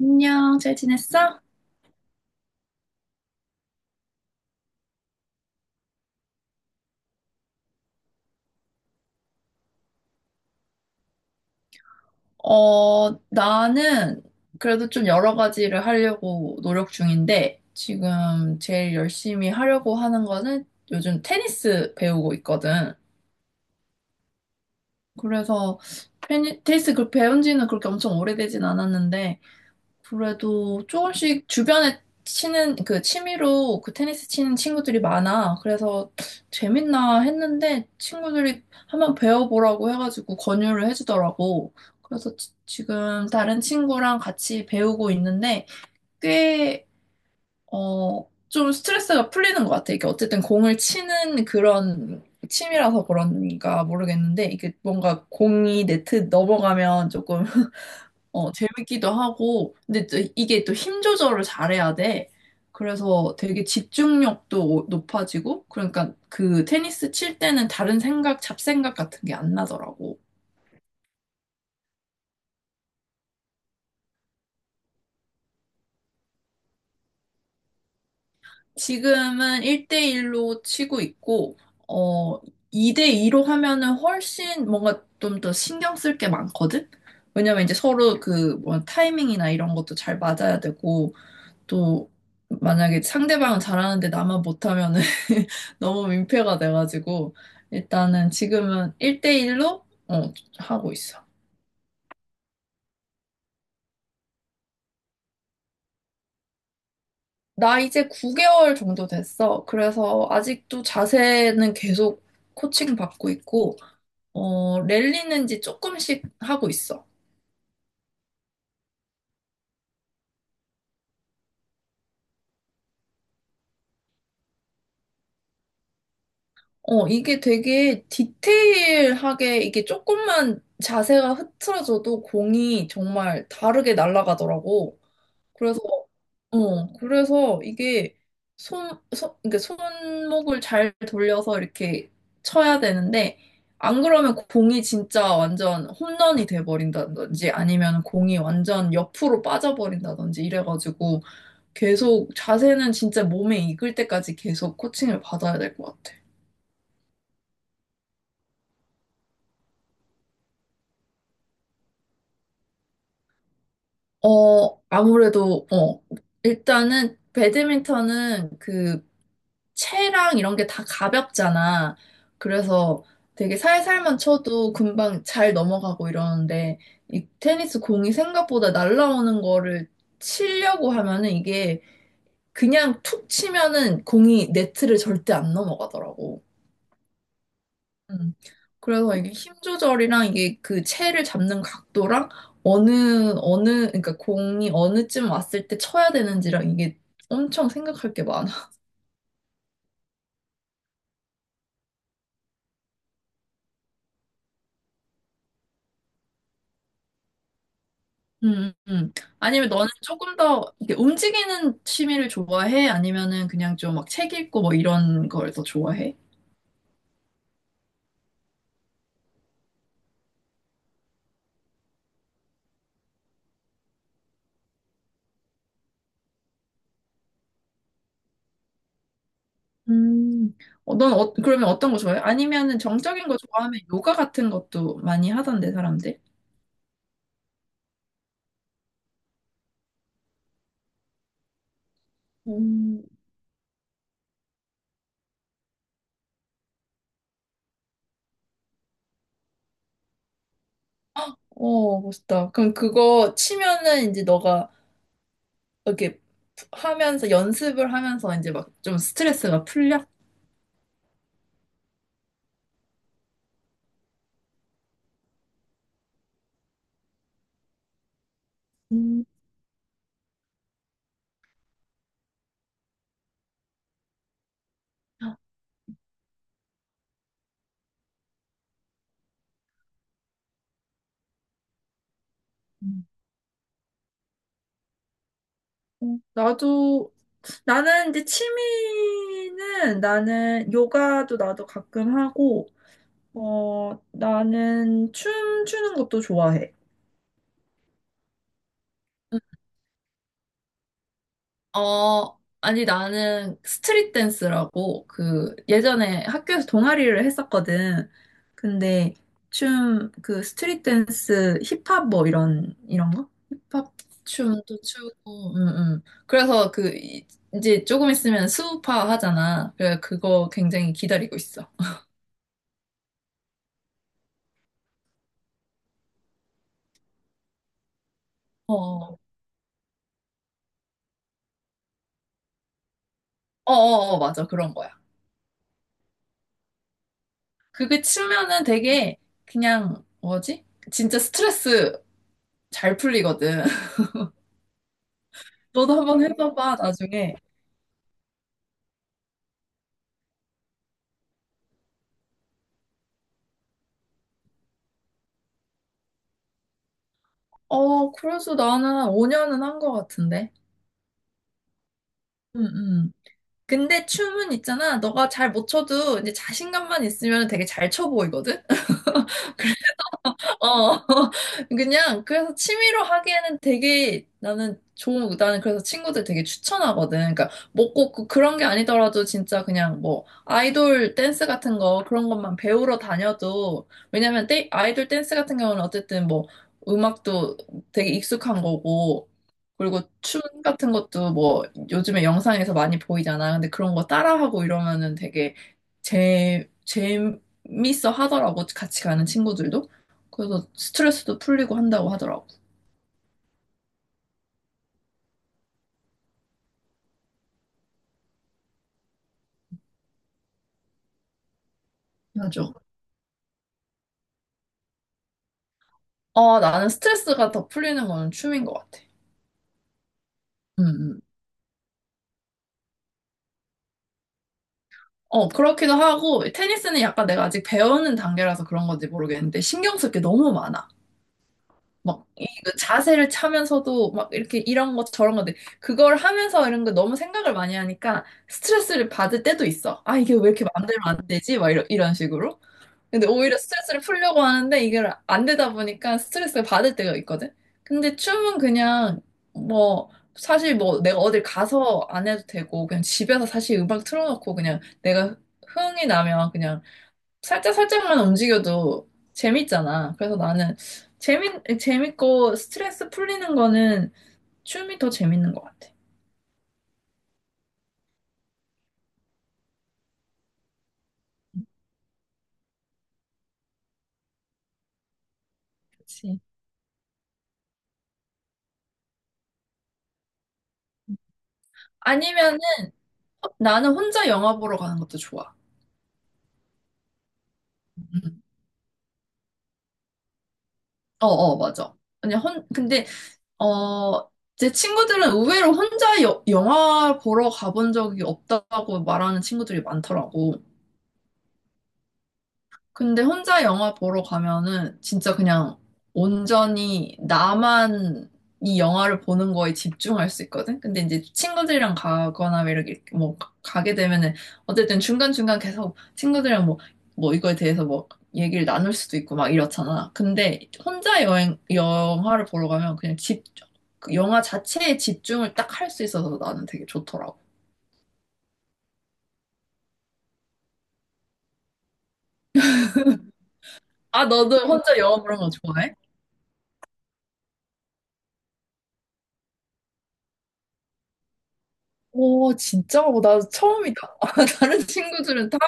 안녕, 잘 지냈어? 어, 나는 그래도 좀 여러 가지를 하려고 노력 중인데, 지금 제일 열심히 하려고 하는 거는 요즘 테니스 배우고 있거든. 그래서 테니스 그 배운 지는 그렇게 엄청 오래되진 않았는데, 그래도 조금씩 주변에 치는, 그 취미로 그 테니스 치는 친구들이 많아. 그래서 재밌나 했는데 친구들이 한번 배워보라고 해가지고 권유를 해주더라고. 그래서 지금 다른 친구랑 같이 배우고 있는데 꽤, 어, 좀 스트레스가 풀리는 것 같아. 이게 어쨌든 공을 치는 그런 취미라서 그런가 모르겠는데 이게 뭔가 공이 네트 넘어가면 조금 어, 재밌기도 하고, 근데 또 이게 또 힘 조절을 잘해야 돼. 그래서 되게 집중력도 높아지고, 그러니까 그 테니스 칠 때는 다른 생각, 잡생각 같은 게 안 나더라고. 지금은 1대1로 치고 있고, 어, 2대2로 하면은 훨씬 뭔가 좀 더 신경 쓸 게 많거든? 왜냐면 이제 서로 그 뭐 타이밍이나 이런 것도 잘 맞아야 되고, 또 만약에 상대방은 잘하는데 나만 못하면은 너무 민폐가 돼가지고 일단은 지금은 1대1로 하고 있어. 나 이제 9개월 정도 됐어. 그래서 아직도 자세는 계속 코칭 받고 있고 어, 랠리는 이제 조금씩 하고 있어. 어, 이게 되게 디테일하게 이게 조금만 자세가 흐트러져도 공이 정말 다르게 날아가더라고. 그래서 어, 그래서 이게 손, 손, 그러니까 손목을 잘 돌려서 이렇게 쳐야 되는데, 안 그러면 공이 진짜 완전 홈런이 돼버린다든지 아니면 공이 완전 옆으로 빠져버린다든지 이래가지고 계속 자세는 진짜 몸에 익을 때까지 계속 코칭을 받아야 될 것 같아. 어, 아무래도, 어, 일단은 배드민턴은 그 채랑 이런 게 다 가볍잖아. 그래서 되게 살살만 쳐도 금방 잘 넘어가고 이러는데 이 테니스 공이 생각보다 날라오는 거를 치려고 하면은 이게 그냥 툭 치면은 공이 네트를 절대 안 넘어가더라고. 음. 그래서 이게 힘 조절이랑 이게 그 채를 잡는 각도랑 어느 그러니까 공이 어느쯤 왔을 때 쳐야 되는지랑 이게 엄청 생각할 게 많아. 음, 음. 아니면 너는 조금 더 이렇게 움직이는 취미를 좋아해? 아니면은 그냥 좀 막 책 읽고 뭐 이런 걸 더 좋아해? 음, 어, 넌 어, 그러면 어떤 거 좋아해? 아니면은 정적인 거 좋아하면 요가 같은 것도 많이 하던데, 사람들? 음, 어, 멋있다. 그럼 그거 치면은 이제 너가 이렇게 하면서 연습을 하면서 이제 막 좀 스트레스가 풀려? 음, 음. 나도 나는 이제 취미는 나는 요가도 나도 가끔 하고, 어, 나는 춤추는 것도 좋아해. 어, 아니, 나는 스트릿 댄스라고, 그, 예전에 학교에서 동아리를 했었거든. 근데, 춤, 그, 스트릿 댄스, 힙합 뭐, 이런 거? 힙합 춤도 추고, 응, 응. 그래서 그, 이제 조금 있으면 수우파 하잖아. 그래, 그거 굉장히 기다리고 있어. 어. 어어어, 맞아. 그런 거야. 그게 치면은 되게 그냥 뭐지? 진짜 스트레스 잘 풀리거든. 너도 한번 해봐봐, 나중에. 어, 그래서 나는 5년은 한 거 같은데. 응, 응. 근데 춤은 있잖아. 너가 잘 못 춰도 이제 자신감만 있으면 되게 잘 춰 보이거든? 어, 그냥, 그래서 취미로 하기에는 되게 나는 좋은, 나는 그래서 친구들 되게 추천하거든. 그러니까, 먹고 그런 게 아니더라도 진짜 그냥 뭐, 아이돌 댄스 같은 거, 그런 것만 배우러 다녀도, 왜냐면 아이돌 댄스 같은 경우는 어쨌든 뭐, 음악도 되게 익숙한 거고, 그리고 춤 같은 것도 뭐, 요즘에 영상에서 많이 보이잖아. 근데 그런 거 따라하고 이러면은 되게 재밌어 하더라고, 같이 가는 친구들도. 그래서 스트레스도 풀리고 한다고 하더라고. 맞아. 어, 나는 스트레스가 더 풀리는 거는 춤인 것 같아. 음, 음. 어, 그렇기도 하고, 테니스는 약간 내가 아직 배우는 단계라서 그런 건지 모르겠는데, 신경 쓸 게 너무 많아. 막, 이 그 자세를 차면서도, 막, 이렇게 이런 것, 저런 것, 그걸 하면서 이런 거 너무 생각을 많이 하니까, 스트레스를 받을 때도 있어. 아, 이게 왜 이렇게 마음대로 안 되지? 막, 이런 식으로. 근데 오히려 스트레스를 풀려고 하는데 이게 안 되다 보니까 스트레스를 받을 때가 있거든. 근데 춤은 그냥 뭐 사실 뭐 내가 어딜 가서 안 해도 되고 그냥 집에서 사실 음악 틀어놓고 그냥 내가 흥이 나면 그냥 살짝 살짝만 움직여도 재밌잖아. 그래서 나는 재밌고 스트레스 풀리는 거는 춤이 더 재밌는 것 같아. 그치. 아니면은 나는 혼자 영화 보러 가는 것도 좋아. 음. 어, 어, 맞아. 근데 어, 제 친구들은 의외로 혼자 영화 보러 가본 적이 없다고 말하는 친구들이 많더라고. 근데 혼자 영화 보러 가면은 진짜 그냥 온전히 나만 이 영화를 보는 거에 집중할 수 있거든? 근데 이제 친구들이랑 가거나 이렇게 뭐 게 되면은 어쨌든 중간중간 계속 친구들이랑 뭐, 뭐 이거에 대해서 뭐 얘기를 나눌 수도 있고 막 이렇잖아. 근데 혼자 영화를 보러 가면 그 영화 자체에 집중을 딱 할 수 있어서 나는 되게 좋더라고. 아, 너도 혼자 영화 보는 거 좋아해? 오, 진짜? 어, 나 처음이다. 다른 친구들은 다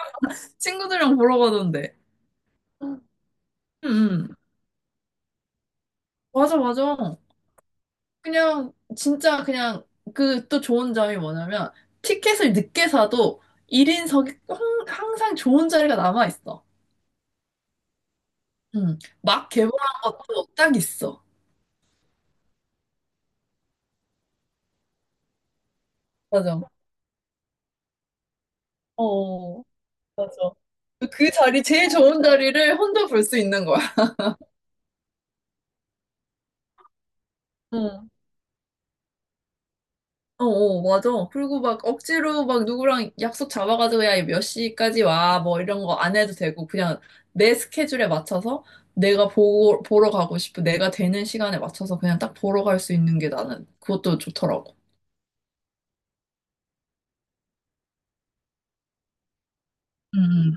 친구들이랑 보러 가던데. 응, 응. 맞아, 맞아. 그냥, 진짜 그냥, 그 또 좋은 점이 뭐냐면, 티켓을 늦게 사도 1인석이 항상 좋은 자리가 남아있어. 응. 막 개봉한 것도 딱 있어. 맞아. 어, 맞아. 그 자리, 제일 좋은 자리를 혼자 볼 수 있는 거야. 응. 어, 어, 맞아. 그리고 막 억지로 막 누구랑 약속 잡아가지고 야, 몇 시까지 와, 뭐 이런 거 안 해도 되고, 그냥 내 스케줄에 맞춰서 내가 보러 가고 싶은 내가 되는 시간에 맞춰서 그냥 딱 보러 갈 수 있는 게 나는 그것도 좋더라고. 음,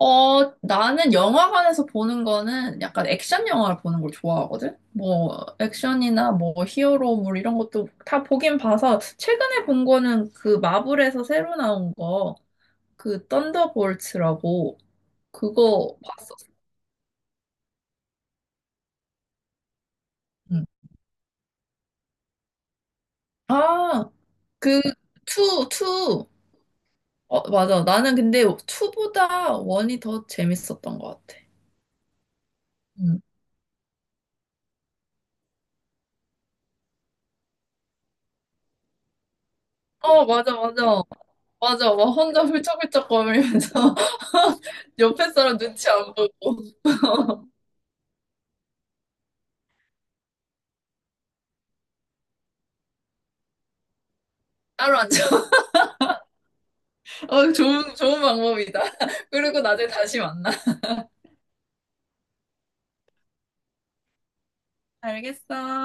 어, 나는 영화관에서 보는 거는 약간 액션 영화를 보는 걸 좋아하거든? 뭐, 액션이나 뭐, 히어로물 이런 것도 다 보긴 봐서, 최근에 본 거는 그 마블에서 새로 나온 거, 그 썬더볼츠라고, 그거 봤었어. 응. 아, 그, 투, 투. 어, 맞아. 나는 근데 투보다 원이 더 재밌었던 것 같아. 응. 어, 맞아, 맞아. 맞아. 막 혼자 훌쩍훌쩍 거리면서 옆에 사람 눈치 안 보고 따로 앉아. 어, 좋은, 좋은 방법이다. 그리고 나중에 다시 만나. 알겠어.